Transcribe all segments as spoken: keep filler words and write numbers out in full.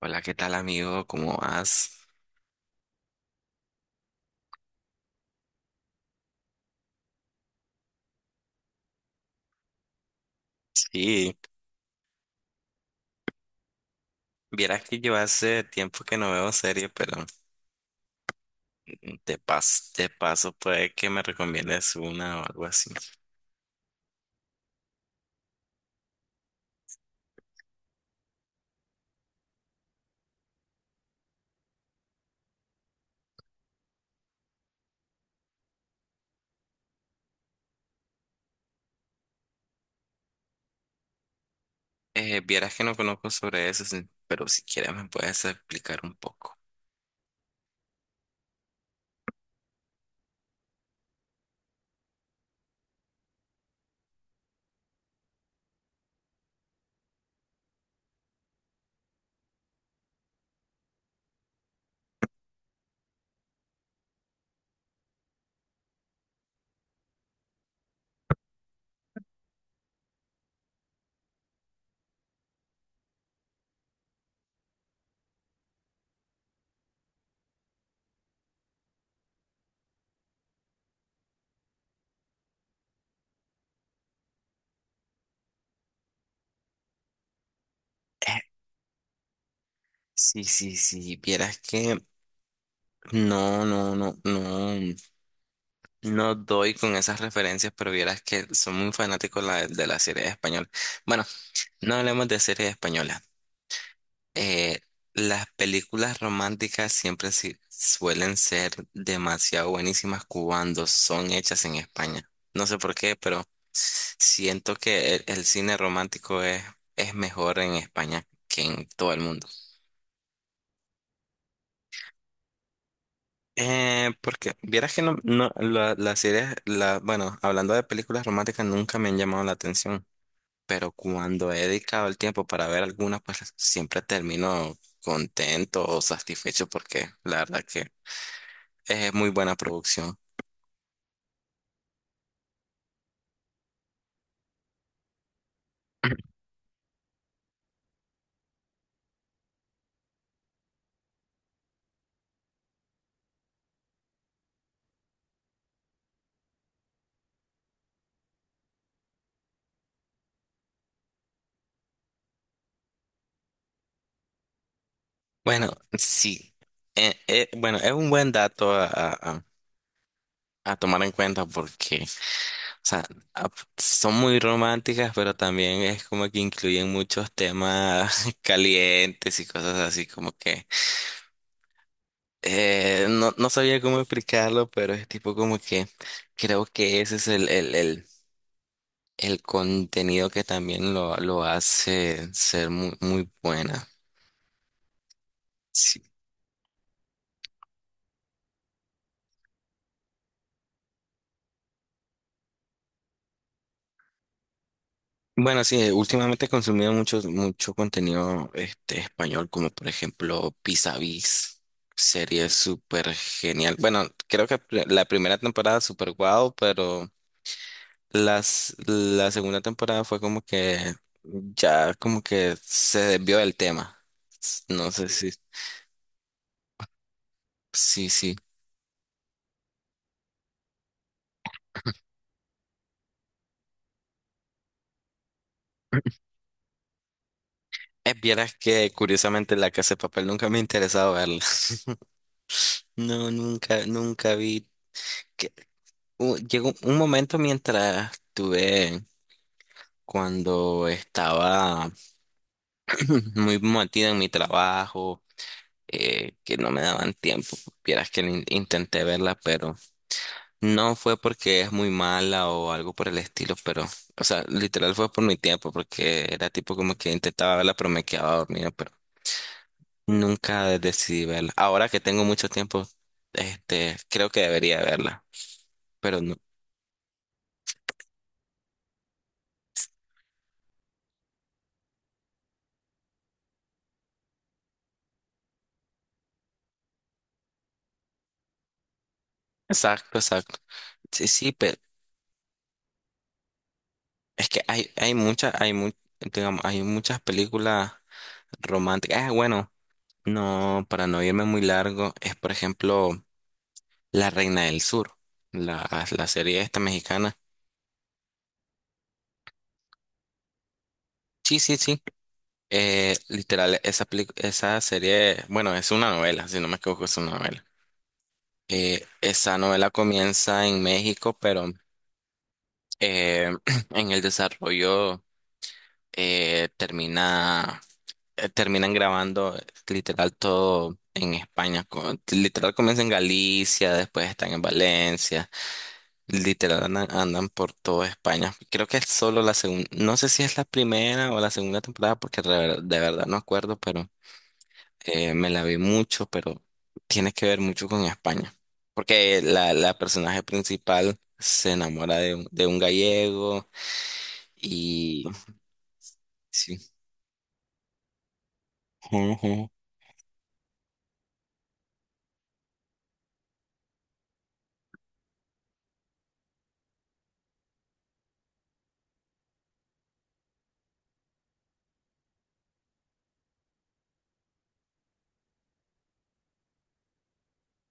Hola, ¿qué tal amigo? ¿Cómo vas? Sí, vieras que yo hace tiempo que no veo serie, pero de paso, de paso puede que me recomiendes una o algo así. Eh, vieras que no conozco sobre eso, sí, pero si quieres me puedes explicar un poco. Eh, sí, sí, sí, vieras que no, no, no, no, no doy con esas referencias, pero vieras que soy muy fanático la- de la serie española. Bueno, no hablemos de series españolas. Eh, las películas románticas siempre si- suelen ser demasiado buenísimas cuando son hechas en España. No sé por qué, pero siento que el, el cine romántico es, es mejor en España que en todo el mundo. Eh, porque vieras que no, no la- las series, la, bueno, hablando de películas románticas, nunca me han llamado la atención, pero cuando he dedicado el tiempo para ver alguna pues siempre termino contento o satisfecho porque la verdad que... es muy buena producción. Bueno, sí. Eh, eh, bueno, es un buen dato a, a- a- a tomar en cuenta porque, o sea, a- son muy románticas, pero también es como que incluyen muchos temas calientes y cosas así, como que eh, no, no sabía cómo explicarlo, pero es tipo como que creo que ese es el, el, el, el contenido que también lo, lo hace ser muy, muy buena. Bueno, sí, eh, últimamente he consumido mucho, mucho contenido este, español, como por ejemplo Vis a Vis, serie súper genial. Bueno, creo que pr- la primera temporada súper guau, pero las, la segunda temporada fue como que ya como que se desvió del tema. S- No sé si, sí, sí. Eh, Vieras que curiosamente La Casa de Papel nunca me ha interesado verla. No, nunca, nunca vi. U- llegó un momento mientras tuve, cuando estaba muy metida en mi trabajo, eh, que no me daban tiempo. Vieras que in- intenté verla, pero no fue porque es muy mala o algo por el estilo, pero, o sea, literal fue por mi tiempo, porque era tipo como que intentaba verla, pero me quedaba dormido, pero nunca decidí verla. Ahora que tengo mucho tiempo, este, creo que debería verla, pero no. Exacto, exacto. Sí, sí, es que hay, hay muchas, hay mu- digamos, hay muchas películas románticas. Ah, bueno, no, para no irme muy largo, es por ejemplo La Reina del Sur, la, la serie esta mexicana. Sí, sí, sí. Eh, literal, esa peli- esa serie, bueno, es una novela, si no me equivoco, es una novela. Eh, esa novela comienza en México, pero eh, en el desarrollo eh, termina. eh, terminan grabando eh, literal todo en España. co- Literal comienza en Galicia, después están en Valencia. Literal andan, andan por toda España. Creo que es solo la segunda, no sé si es la primera o la segunda temporada, porque de, ver- de verdad no acuerdo, pero eh, me la vi mucho, pero tiene que ver mucho con España. Porque la, la personaje principal se enamora de un, de un gallego y... Sí. Ujú.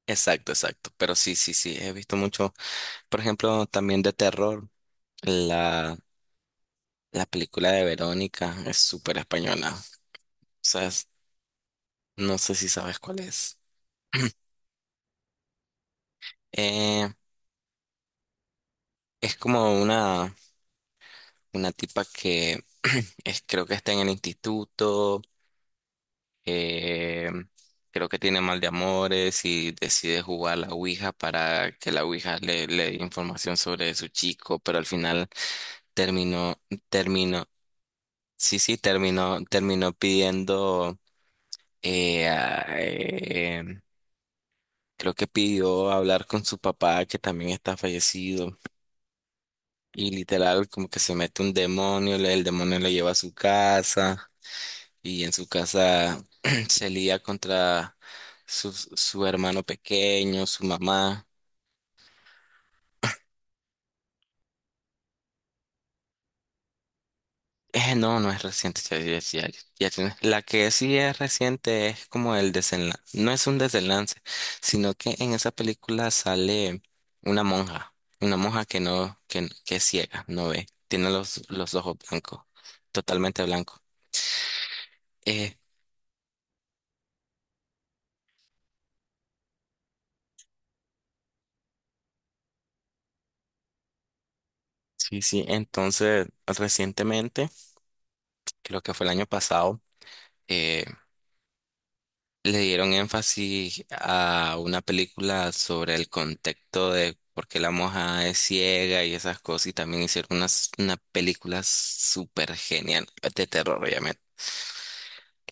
Exacto, exacto. Pero sí, sí, sí, he visto mucho. Por ejemplo, también de terror, la, la película de Verónica es súper española. O sea, es- no sé si sabes cuál es. Eh, es como una, una tipa que es, creo que está en el instituto, eh, creo que tiene mal de amores y decide jugar a la Ouija para que la Ouija le, le dé información sobre su chico, pero al final terminó, terminó, sí, sí, terminó, terminó pidiendo. Eh, ah, eh, creo que pidió hablar con su papá, que también está fallecido. Y literal, como que se mete un demonio, le- el demonio le lleva a su casa. Y en su casa se lía contra su, su hermano pequeño, su mamá. Eh, no, no es reciente, ya, ya, ya, ya tiene... la que sí es reciente es como el desenlace, no es un desenlace, sino que en esa película sale una monja, una monja que no, que, que es ciega, no ve, tiene los, los ojos blancos, totalmente blanco. Eh, sí, sí, entonces recientemente, creo que fue el año pasado, eh, le dieron énfasis a una película sobre el contexto de por qué la moja es ciega y esas cosas, y también hicieron una, una película súper genial de terror, obviamente.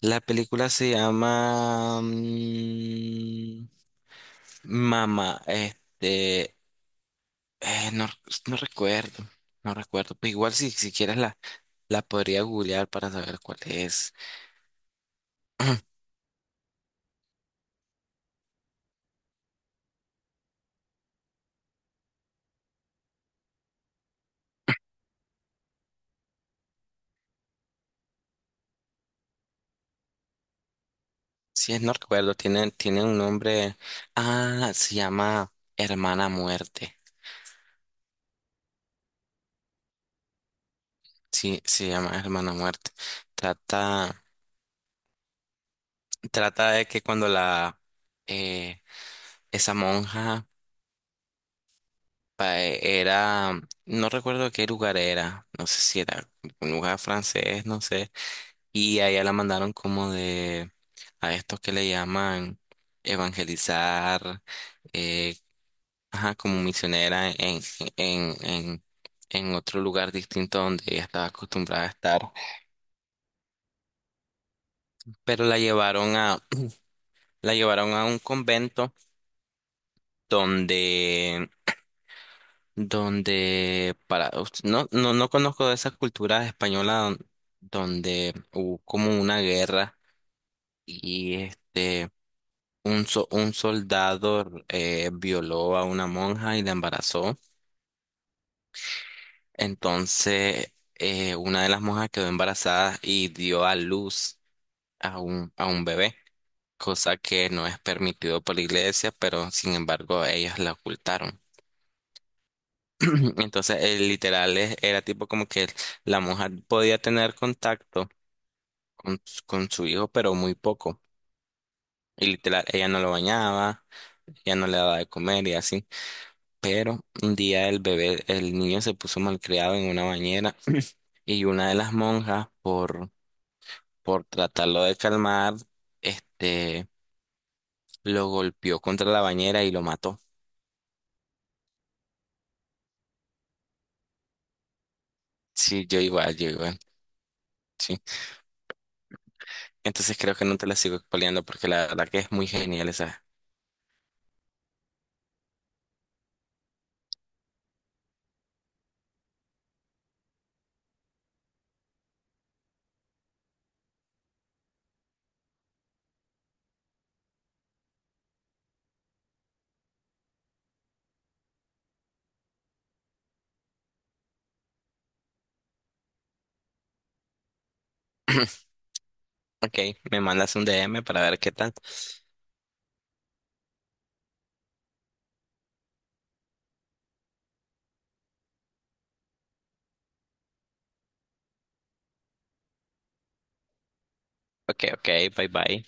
La película se llama mm, Mamá, este, eh, no, no recuerdo, no recuerdo, pero igual si, si quieres la, la podría googlear para saber cuál es. Sí, no recuerdo, tiene, tiene un nombre. Ah, se llama Hermana Muerte. Sí, se llama Hermana Muerte. Trata, trata de que cuando la eh, esa monja pa- era, no recuerdo qué lugar era, no sé si era un lugar francés, no sé. Y a ella la mandaron como de a estos que le llaman evangelizar, eh, ajá, como misionera en, en, en, en otro lugar distinto donde ella estaba acostumbrada a estar. Pero la llevaron a, la llevaron a un convento donde, donde para, no, no, no conozco de esa cultura española don- donde hubo como una guerra y este, un, so- un soldado eh, violó a una monja y la embarazó. Entonces, eh, una de las monjas quedó embarazada y dio a luz a un, a un bebé, cosa que no es permitido por la iglesia, pero sin embargo ellos la ocultaron. Entonces, el literal es- era tipo como que la mujer podía tener contacto con, s- con su hijo, pero muy poco. Y literal, ella no lo bañaba, ella no le daba de comer y así. Pero un día el bebé, el niño se puso malcriado en una bañera y una de las monjas, por, por tratarlo de calmar, este, lo golpeó contra la bañera y lo mató. Sí, yo igual, yo igual. Sí. Entonces creo que no te la sigo expoliando porque la verdad que es muy genial esa. Ok, me mandas un D M para ver qué tal. Ok, ok, bye bye.